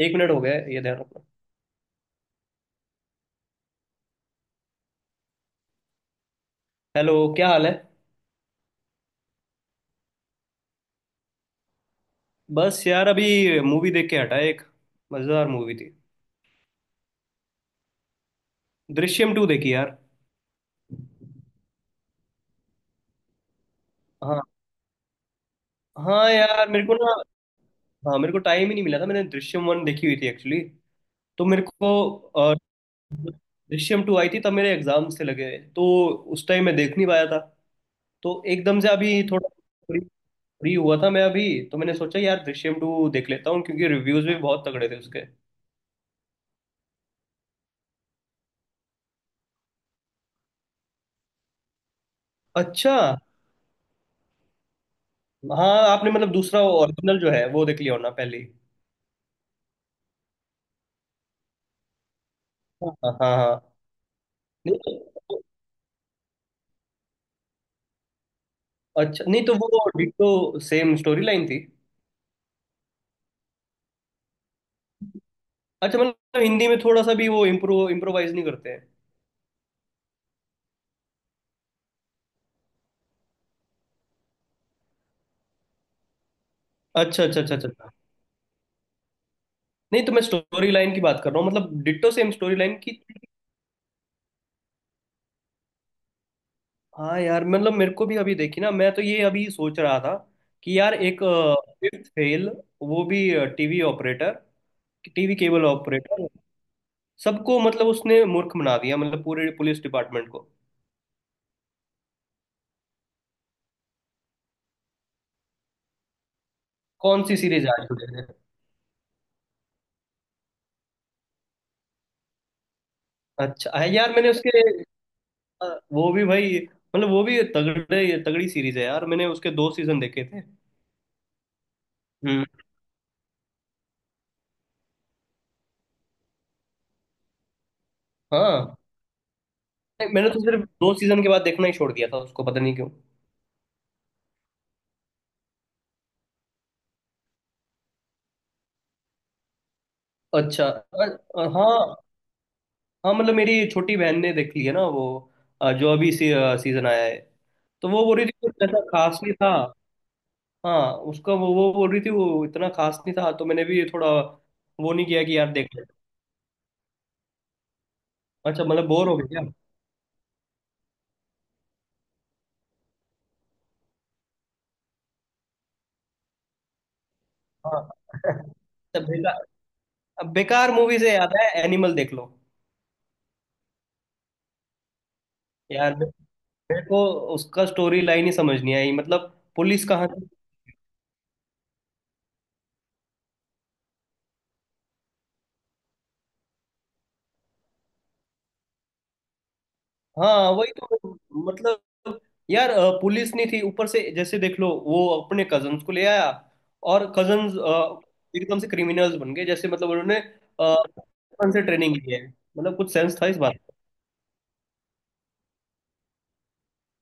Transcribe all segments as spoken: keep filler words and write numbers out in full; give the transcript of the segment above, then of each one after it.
एक मिनट हो गया है, ये ध्यान रखना। हेलो, क्या हाल है? बस यार, अभी मूवी देख के हटा। एक मजेदार मूवी थी। दृश्यम टू देखी यार। हाँ। हाँ यार, मेरे को ना, हाँ, मेरे को टाइम ही नहीं मिला था। मैंने दृश्यम वन देखी हुई थी एक्चुअली। तो मेरे को अ, दृश्यम टू आई थी तब मेरे एग्जाम से लगे। तो उस टाइम मैं देख नहीं पाया था। तो एकदम से अभी थोड़ा फ्री फ्री हुआ था मैं अभी। तो मैंने सोचा यार दृश्यम टू देख लेता हूँ क्योंकि रिव्यूज भी बहुत तगड़े थे उसके। अच्छा। हाँ, आपने मतलब दूसरा ओरिजिनल जो है वो देख लिया होना पहले। हाँ हाँ हाँ। नहीं तो- अच्छा, नहीं तो वो डिट्टो सेम स्टोरी लाइन थी। अच्छा, मतलब हिंदी में थोड़ा सा भी वो इम्प्रो इम्प्रोवाइज नहीं करते हैं। अच्छा अच्छा अच्छा अच्छा अच्छा। नहीं तो मैं स्टोरी लाइन की बात कर रहा हूँ, मतलब डिट्टो सेम स्टोरी लाइन की। हाँ यार, मतलब मेरे को भी अभी देखी ना। मैं तो ये अभी सोच रहा था कि यार एक फिफ्थ फेल, वो भी TV operator TV cable operator, सबको मतलब उसने मूर्ख बना दिया, मतलब पूरे पुलिस डिपार्टमेंट को। कौन सी सीरीज आ चुकी है? अच्छा है यार, मैंने उसके अ, वो भी भाई, मतलब वो भी तगड़े तगड़ी सीरीज है यार। मैंने उसके दो सीजन देखे थे। हम्म। हाँ। नहीं, मैंने तो सिर्फ दो सीजन के बाद देखना ही छोड़ दिया था उसको, पता नहीं क्यों। अच्छा। अ- अ- हाँ। हाँ, मतलब मेरी छोटी बहन ने देख ली है ना वो अ, जो अभी सी, सीजन आया है। तो वो बोल रही थी कुछ ऐसा खास नहीं था। हाँ, उसका वो वो बोल रही थी वो इतना खास नहीं था, तो मैंने भी थोड़ा वो नहीं किया कि यार देख ले। अच्छा, मतलब बोर हो गया। हाँ। तो बेकार, अब बेकार मूवी से याद है, एनिमल देख लो। यार, मे- मेरे को उसका स्टोरी लाइन ही समझ नहीं आई मतलब। पुलिस कहाँ थी? हाँ, वही तो मतलब, यार अ, पुलिस नहीं थी। ऊपर से जैसे देख लो वो अपने कजन्स को ले आया और कजन्स एकदम से क्रिमिनल्स बन गए जैसे, मतलब उन्होंने अ, बचपन से ट्रेनिंग ली है। मतलब कुछ सेंस था इस बात का।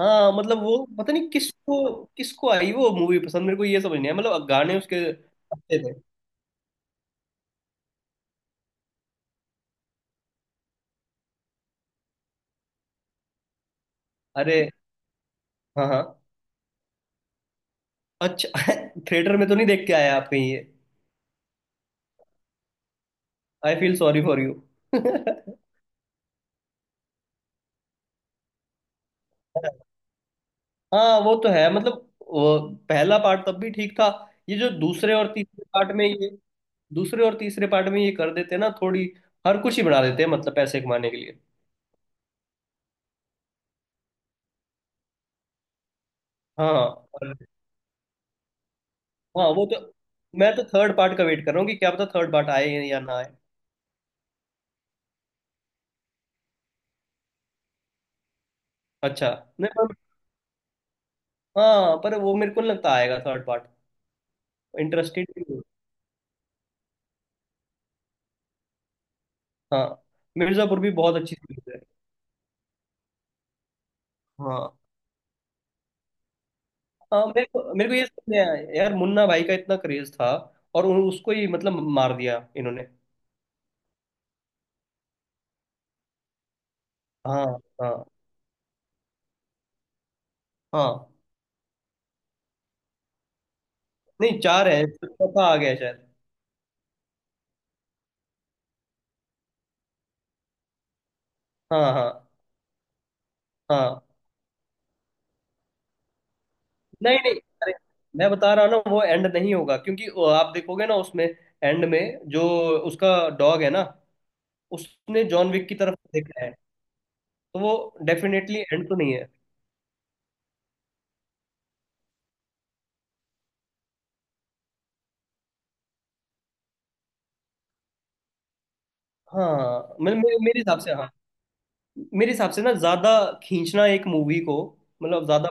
हाँ, मतलब वो पता नहीं किसको किसको आई वो मूवी पसंद, मेरे को ये समझ नहीं आया, मतलब गाने उसके अच्छे थे। अरे, हाँ हाँ। अच्छा। थिएटर में तो नहीं देख के आया आप कहीं ये? I feel sorry for you. हाँ, वो तो है मतलब, वो पहला पार्ट तब भी ठीक था। ये जो दूसरे और तीसरे पार्ट में ये दूसरे और तीसरे पार्ट में ये कर देते हैं ना थोड़ी, हर कुछ ही बना देते हैं, मतलब पैसे कमाने के लिए। हाँ हाँ, और- हाँ, वो तो मैं तो थर्ड पार्ट का वेट कर रहा हूँ कि क्या पता थर्ड पार्ट आए या ना आए। अच्छा, नहीं पर हाँ, पर वो मेरे को नहीं लगता आएगा थर्ड पार्ट, इंटरेस्टेड भी हूँ। हाँ, मिर्जापुर भी बहुत अच्छी सीरीज है। हाँ हाँ, मेरे को मेरे को ये समझ नहीं आया यार, मुन्ना भाई का इतना क्रेज था और उन, उसको ही मतलब मार दिया इन्होंने। हाँ हाँ हाँ। नहीं, चार है, चौथा आ गया शायद। हाँ हाँ हाँ। नहीं नहीं, अरे मैं बता रहा हूँ ना वो एंड नहीं होगा क्योंकि वो आप देखोगे ना उसमें एंड में जो उसका डॉग है ना, उसने जॉन विक की तरफ देखा है। तो वो डेफिनेटली एंड तो नहीं है। हाँ, मतलब मेरे मेरे हिसाब से हाँ। मेरे हिसाब से ना ज्यादा खींचना एक मूवी को, मतलब ज्यादा,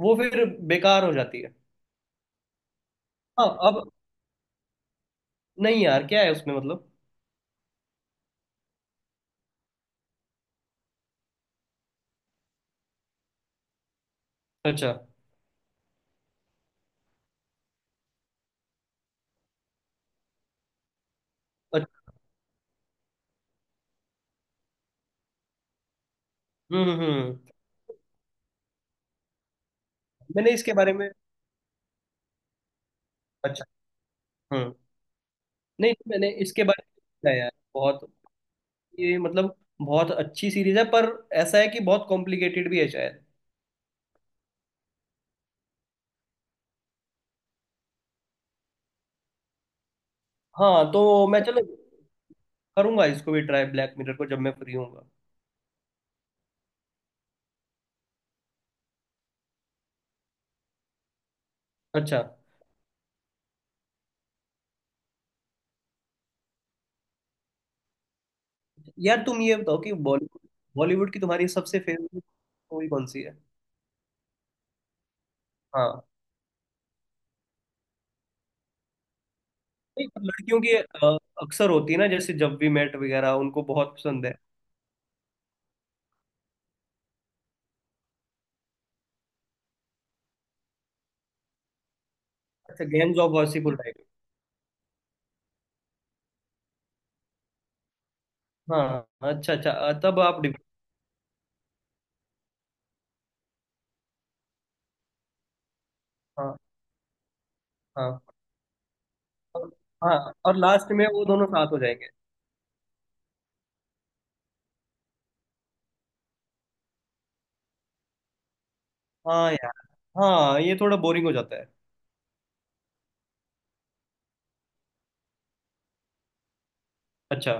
वो फिर बेकार हो जाती है। हाँ अब, नहीं यार क्या है उसमें मतलब। अच्छा अच्छा। हम्म हम्म हम्म। मैंने इसके बारे में- अच्छा। हम्म। नहीं, मैंने इसके बारे में सुना है यार बहुत, ये मतलब बहुत अच्छी सीरीज है, पर ऐसा है कि बहुत कॉम्प्लिकेटेड भी है शायद। हाँ, तो मैं चलो करूंगा इसको भी ट्राई, ब्लैक मिरर को, जब मैं फ्री होऊंगा। अच्छा। यार तुम ये बताओ कि बॉलीवुड बॉलीवुड की तुम्हारी सबसे फेवरेट मूवी कौन सी है? हाँ। नहीं, लड़कियों की अ, अक्सर होती है ना, जैसे जब वी मेट वगैरह, उनको बहुत पसंद है। अच्छा, गैंग्स ऑफ वासेपुर टाइप। हाँ। अच्छा अच्छा, अ, तब आप डिव- हाँ हाँ, और- हाँ, और लास्ट में वो दोनों साथ हो जाएंगे। हाँ यार, हाँ, ये थोड़ा बोरिंग हो जाता है। अच्छा।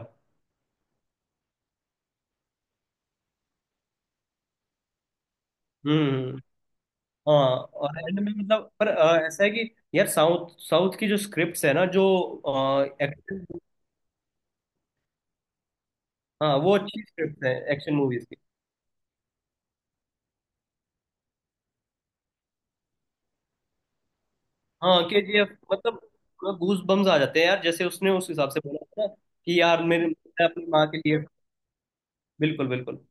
हम्म। हाँ, और एंड में मतलब, पर अ, ऐसा है कि यार साउथ, साउथ की जो स्क्रिप्ट्स है ना, जो एक्शन। हाँ, वो अच्छी स्क्रिप्ट है एक्शन मूवीज की। हाँ, के जी एफ मतलब गूज बम्स आ जाते हैं यार, जैसे उसने उस हिसाब से बोला था ना कि यार मेरे मैं अपनी माँ के लिए। बिल्कुल बिल्कुल।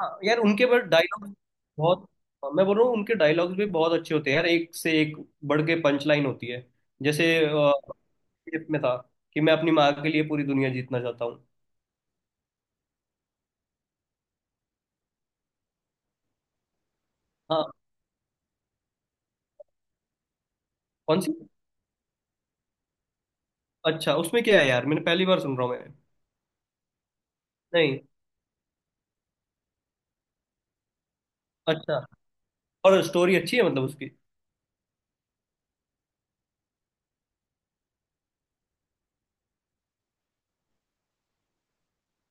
हाँ यार, उनके बस डायलॉग बहुत। हाँ, मैं बोल रहा हूँ उनके डायलॉग्स भी बहुत अच्छे होते हैं यार, एक से एक बढ़ के पंच लाइन होती है। जैसे अ, केजीएफ में था कि मैं अपनी माँ के लिए पूरी दुनिया जीतना चाहता हूँ। हाँ। कौन सी? अच्छा, उसमें क्या है यार? मैंने पहली बार सुन रहा हूँ मैं। नहीं। अच्छा, और स्टोरी अच्छी है मतलब उसकी?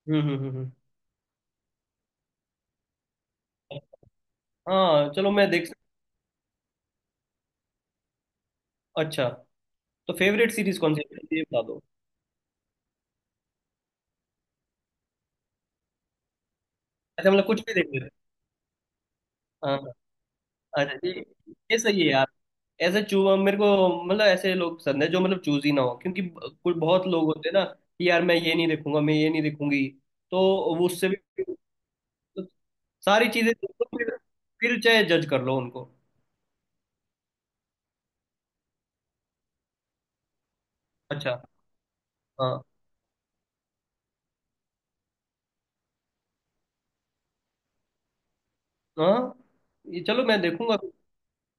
हम्म हम्म हम्म हम्म। हाँ चलो मैं देख। अच्छा, तो फेवरेट सीरीज कौन सी है ये बता दो। ऐसे मतलब कुछ भी देख लेते हैं। हाँ। अच्छा, ये ये सही है यार। ऐसे चू मेरे को मतलब ऐसे लोग पसंद है जो मतलब चूज ही ना हो, क्योंकि ब- कुछ बहुत लोग होते हैं ना कि यार मैं ये नहीं देखूंगा, मैं ये नहीं देखूंगी। तो वो उससे भी तो सारी चीजें देखो, फिर फिर चाहे जज कर लो उनको। अच्छा, हाँ हाँ। ये चलो मैं देखूंगा,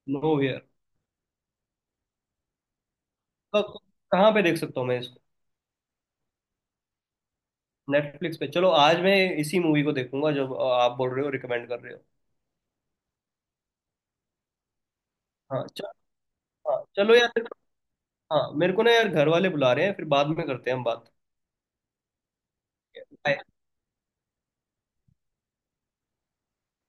नो वेयर। कहाँ पे देख सकता हूँ मैं इसको? नेटफ्लिक्स पे चलो, आज मैं इसी मूवी को देखूंगा जो आप बोल रहे हो, रिकमेंड कर रहे हो। हाँ चलो, हाँ चलो यार। हाँ, मेरे को ना यार घर वाले बुला रहे हैं, फिर बाद में करते हैं हम बात। बाय।